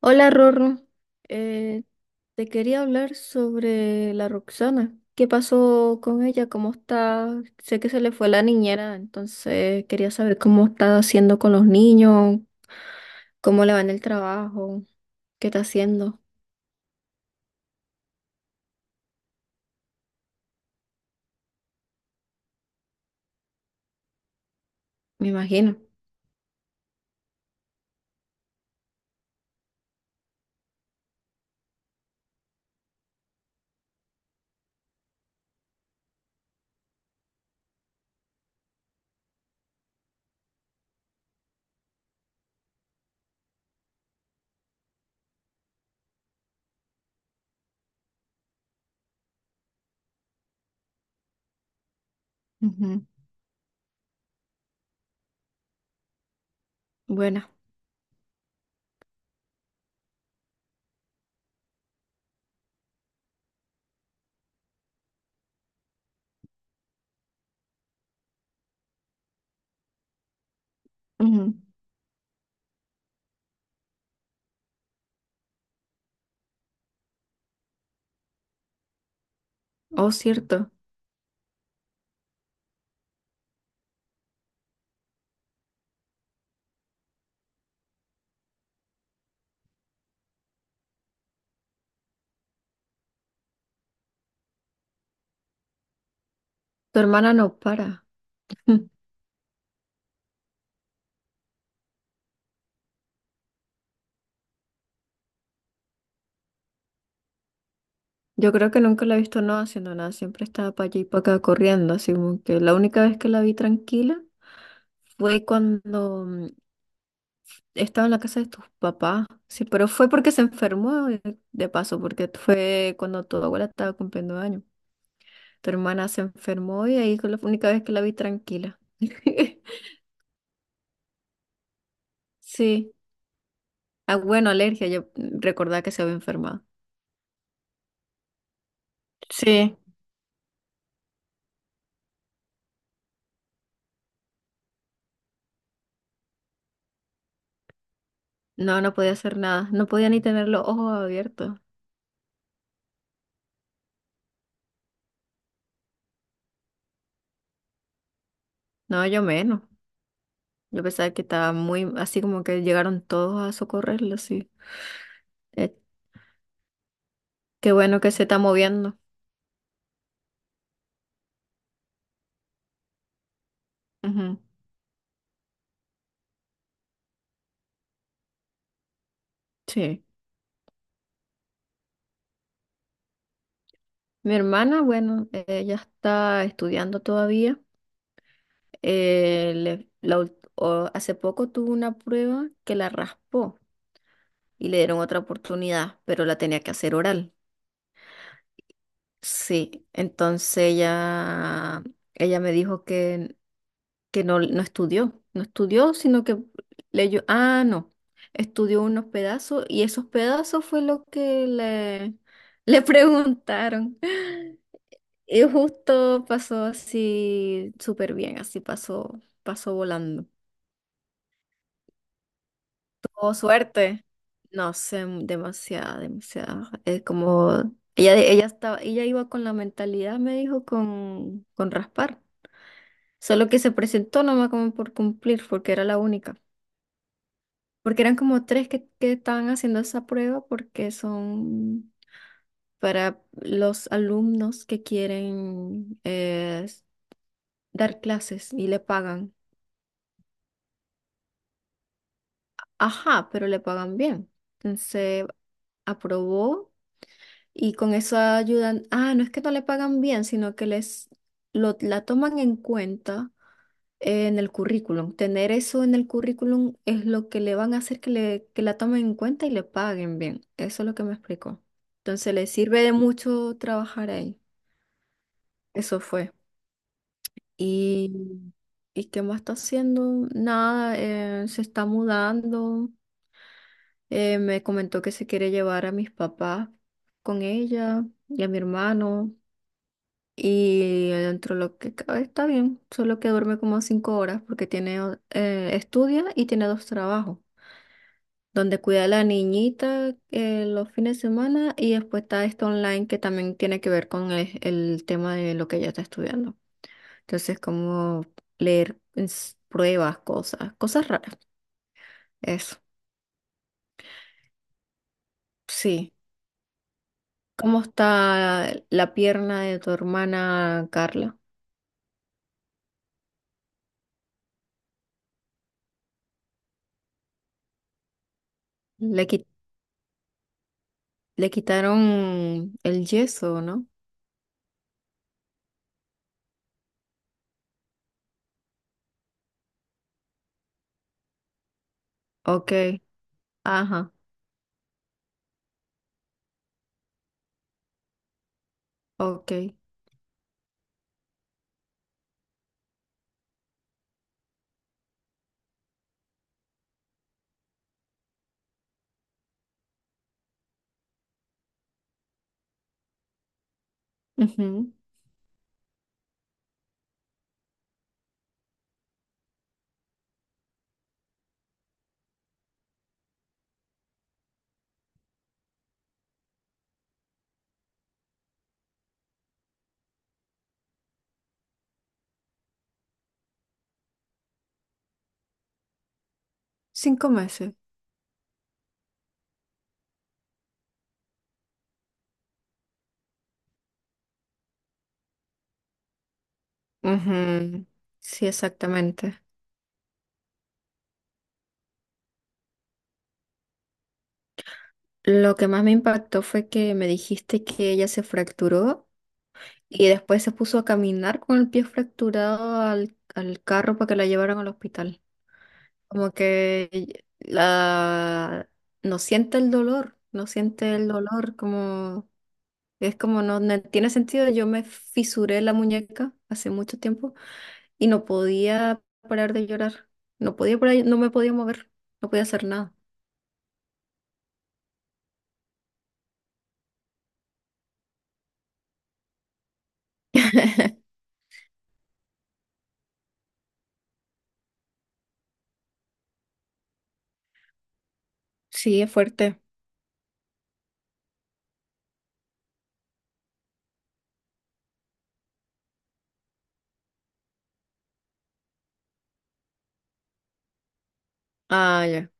Hola Rorro, Eh, te quería hablar sobre la Roxana. ¿Qué pasó con ella? ¿Cómo está? Sé que se le fue la niñera, entonces quería saber cómo está haciendo con los niños, cómo le va en el trabajo, qué está haciendo, me imagino. Ujú, buena. Ujú. Oh, cierto, tu hermana no para. Yo creo que nunca la he visto no haciendo nada, siempre estaba para allí y para acá corriendo, así como que la única vez que la vi tranquila fue cuando estaba en la casa de tus papás, sí, pero fue porque se enfermó de paso, porque fue cuando tu abuela estaba cumpliendo años. Tu hermana se enfermó y ahí fue la única vez que la vi tranquila. Sí. Ah, bueno, alergia, yo recordaba que se había enfermado. Sí. No, no podía hacer nada, no podía ni tener los ojos abiertos. No, yo menos. Yo pensaba que estaba muy, así como que llegaron todos a socorrerlo, sí. Eh, qué bueno que se está moviendo. Ujú, sí. Mi hermana, bueno, ella está estudiando todavía. Hace poco tuvo una prueba que la raspó y le dieron otra oportunidad, pero la tenía que hacer oral. Sí, entonces ella me dijo que no, no estudió, no estudió, sino que leyó, ah, no, estudió unos pedazos y esos pedazos fue lo que le preguntaron. Y justo pasó así súper bien, así pasó, pasó volando. Tuvo suerte. No sé, demasiada, demasiada. Es como ella estaba, ella iba con la mentalidad, me dijo, con raspar. Solo que se presentó nomás como por cumplir, porque era la única. Porque eran como tres que estaban haciendo esa prueba porque son para los alumnos que quieren dar clases y le pagan. Ajá, pero le pagan bien. Entonces aprobó y con eso ayudan. Ah, no es que no le pagan bien, sino que les lo, la toman en cuenta en el currículum. Tener eso en el currículum es lo que le van a hacer que, le, que la tomen en cuenta y le paguen bien. Eso es lo que me explicó. Entonces le sirve de mucho trabajar ahí. Eso fue. Y, ¿Y qué más está haciendo? Nada, se está mudando. Me comentó que se quiere llevar a mis papás con ella y a mi hermano. Y dentro de lo que cabe está bien, solo que duerme como 5 horas porque tiene, estudia y tiene 2 trabajos, donde cuida a la niñita los fines de semana y después está esto online que también tiene que ver con el tema de lo que ella está estudiando. Entonces, como pruebas, cosas, cosas raras. Eso, sí. ¿Cómo está la pierna de tu hermana Carla? Le, qui- Le quitaron el yeso, ¿no? Ok, ajá, ok. Ujú, 5 meses. Ujú, sí, exactamente. Lo que más me impactó fue que me dijiste que ella se fracturó y después se puso a caminar con el pie fracturado al, al carro para que la llevaran al hospital. Como que la, no siente el dolor, no siente el dolor, como es como no, no tiene sentido. Yo me fisuré la muñeca hace mucho tiempo y no podía parar de llorar. No podía parar, no me podía mover, no podía hacer nada. Sí, es fuerte. Ah, ya.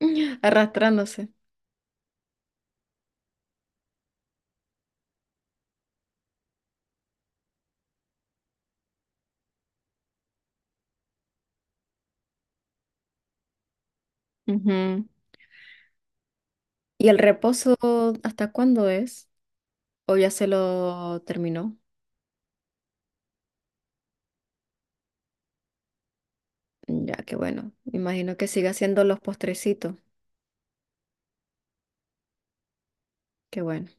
Arrastrándose. Ujú. ¿Y el reposo hasta cuándo es? ¿O ya se lo terminó? Ya, qué bueno. Imagino que siga haciendo los postrecitos. Qué bueno.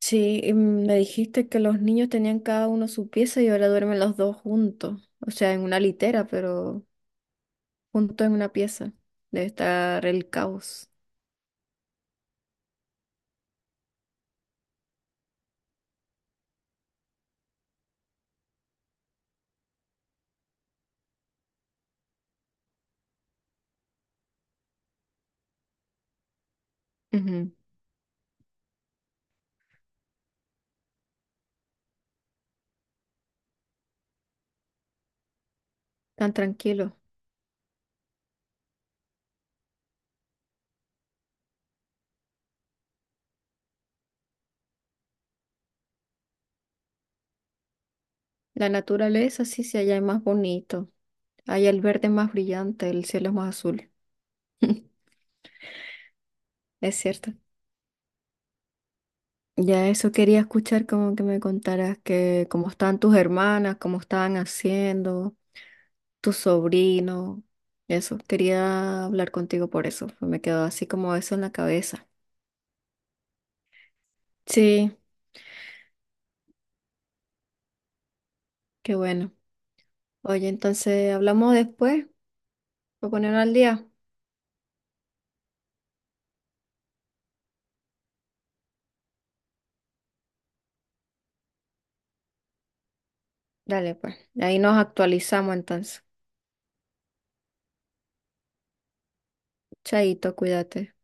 Sí, y me dijiste que los niños tenían cada uno su pieza y ahora duermen los dos juntos, o sea, en una litera, pero juntos en una pieza. Debe estar el caos. Ujú. Tan tranquilo. La naturaleza sí, sí, allá es más bonito. Allá el verde es más brillante, el cielo es más azul. Es cierto. Ya eso quería escuchar como que me contaras que cómo estaban tus hermanas, cómo estaban haciendo. Tu sobrino. Eso, quería hablar contigo por eso, pues. Me quedó así como eso en la cabeza. Sí, qué bueno. Oye, entonces hablamos después, para poner al día. Dale, pues. Ahí nos actualizamos entonces. Chaito, cuídate.